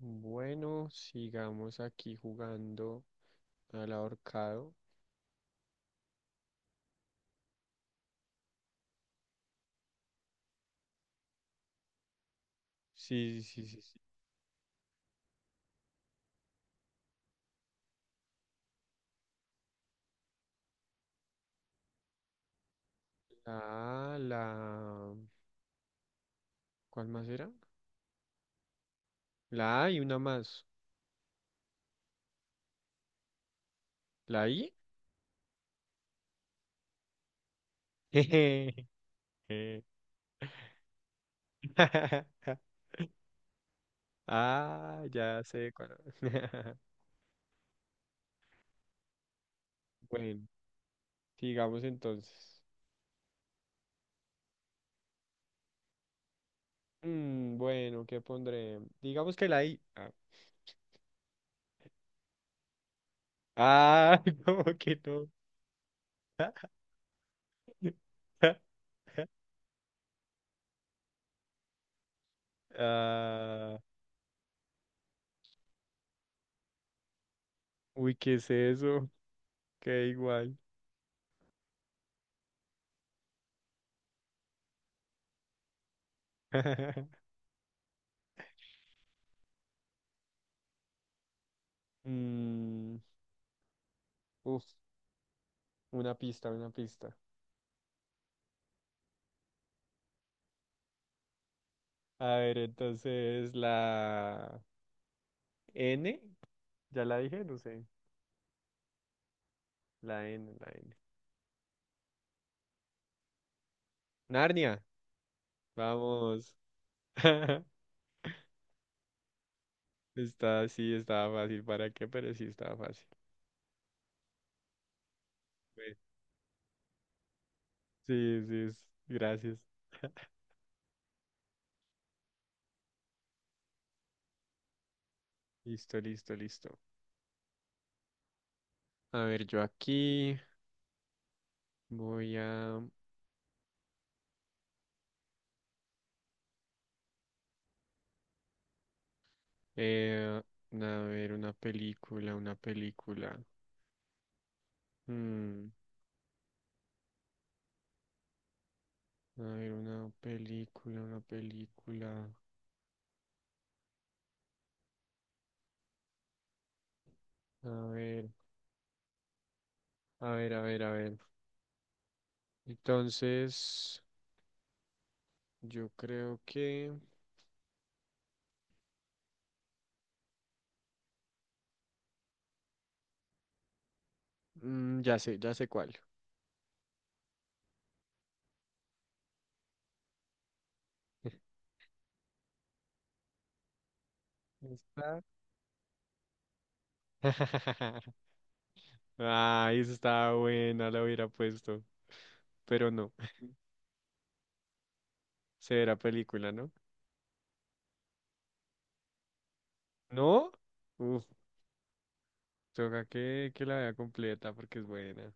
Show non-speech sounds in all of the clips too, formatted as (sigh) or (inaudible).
Bueno, sigamos aquí jugando al ahorcado. Sí, sí, sí, sí, sí. Ah, la... ¿Cuál más era? La A y una más. ¿La I? (laughs) Jejeje. (laughs) Ah, ya sé cuál. (laughs) Bueno, sigamos entonces. Bueno, ¿qué pondré? Digamos que la I. Ah, Ah, (laughs) ¿cómo que no? (laughs) Ah, uy, ¿qué es eso? Qué igual. (laughs) Mm, uf, una pista, una pista. A ver, entonces la N, ya la dije, no sé. La N. Narnia, vamos. (laughs) Está, sí, estaba fácil. ¿Para qué? Pero sí, estaba fácil. Bueno, sí, sí, gracias. Listo, listo, listo. A ver, yo aquí voy a, eh, a ver una película, una película. Mm. A ver, una película, una película. A ver, a ver, a ver, a ver. Entonces, yo creo que... ya sé cuál. Está. (laughs) Ah, esa estaba buena, la hubiera puesto. Pero no, (laughs) será película, ¿no? ¿No? Uf, toca que la vea completa porque es buena.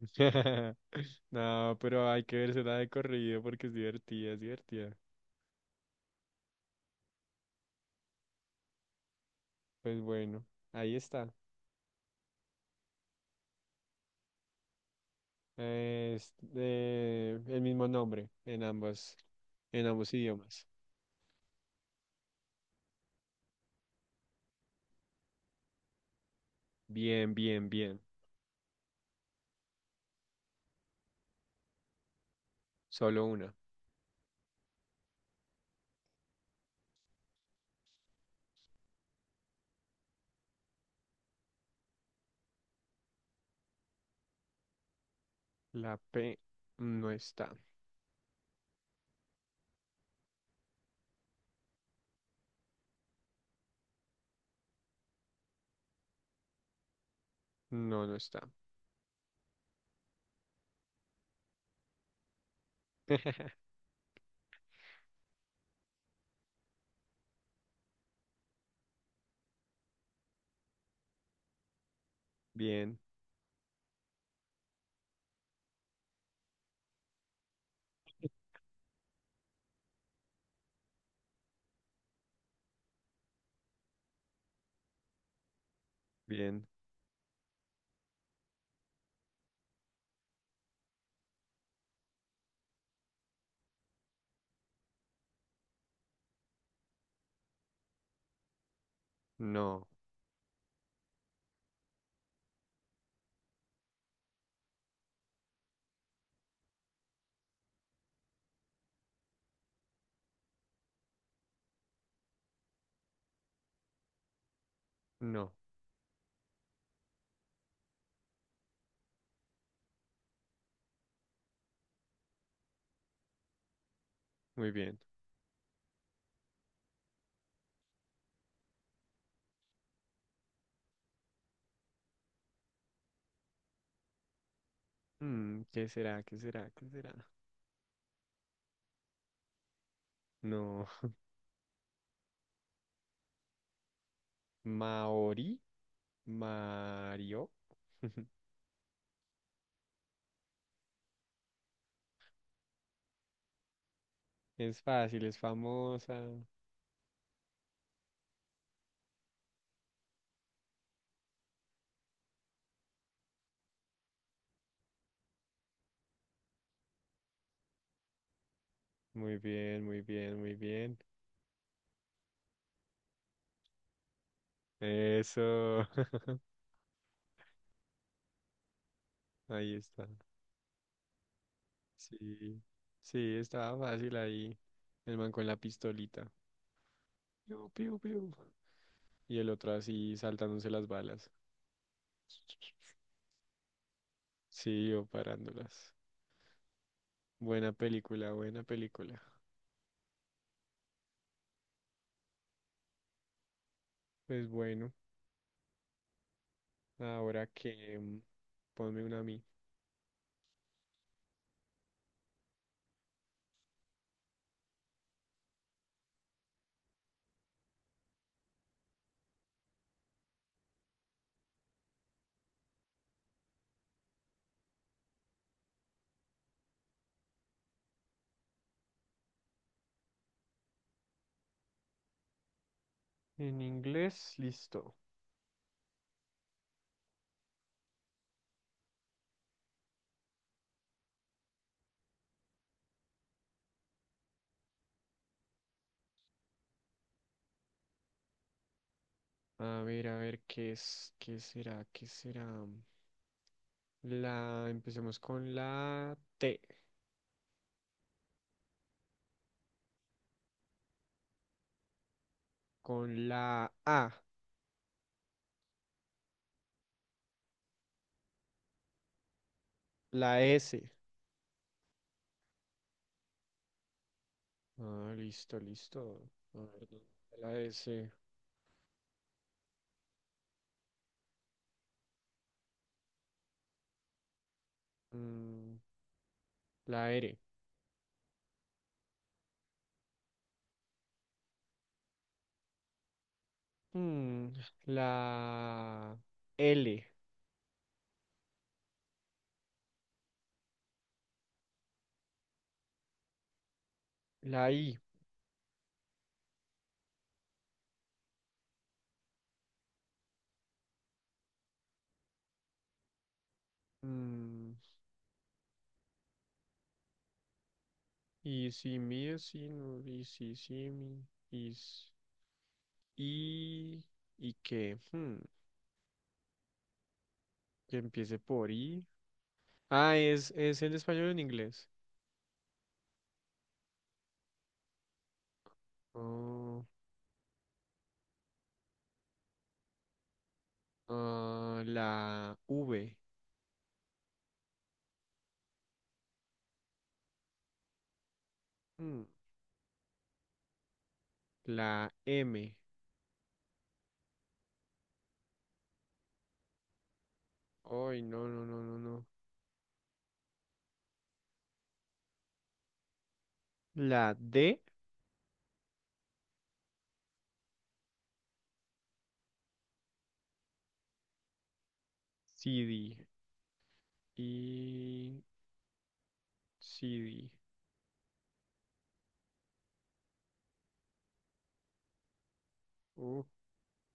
(laughs) No, pero hay que verse la de corrido porque es divertida, es divertida. Pues bueno, ahí está. Es el mismo nombre en ambas, en ambos idiomas. Bien, bien, bien. Solo una. La P no está. No, no está. (laughs) Bien, bien. No, no. Muy bien. Mm, ¿qué será? ¿Qué será? ¿Qué será? No. Maori. Mario. (laughs) Es fácil, es famosa. Muy bien, muy bien, muy bien. Eso. (laughs) Ahí está. Sí, sí, estaba fácil ahí. El man con la pistolita. Piu, piu, piu. Y el otro así saltándose las balas. Sí, yo parándolas. Buena película, buena película. Pues bueno, ahora que mm, ponme una a mí. En inglés, listo. A ver, ¿qué es? ¿Qué será? ¿Qué será? La, empecemos con la T, con la A, la S. Ah, listo, listo. A ver, ¿dónde está la S. Mm, la R. Mm, la L. La I. Mm, y si mi es si no, y si si mi. Is, y, y que, que empiece por I. Ah, es en español o en inglés. Oh, ah, la V. Mm, la M. Ay, no, no, no, no, no. La D. CD. Y CD. Uh,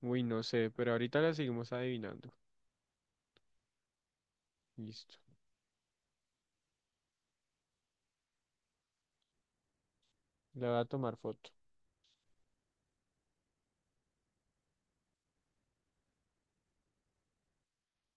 uy, no sé, pero ahorita la seguimos adivinando. Listo. Le voy a tomar foto.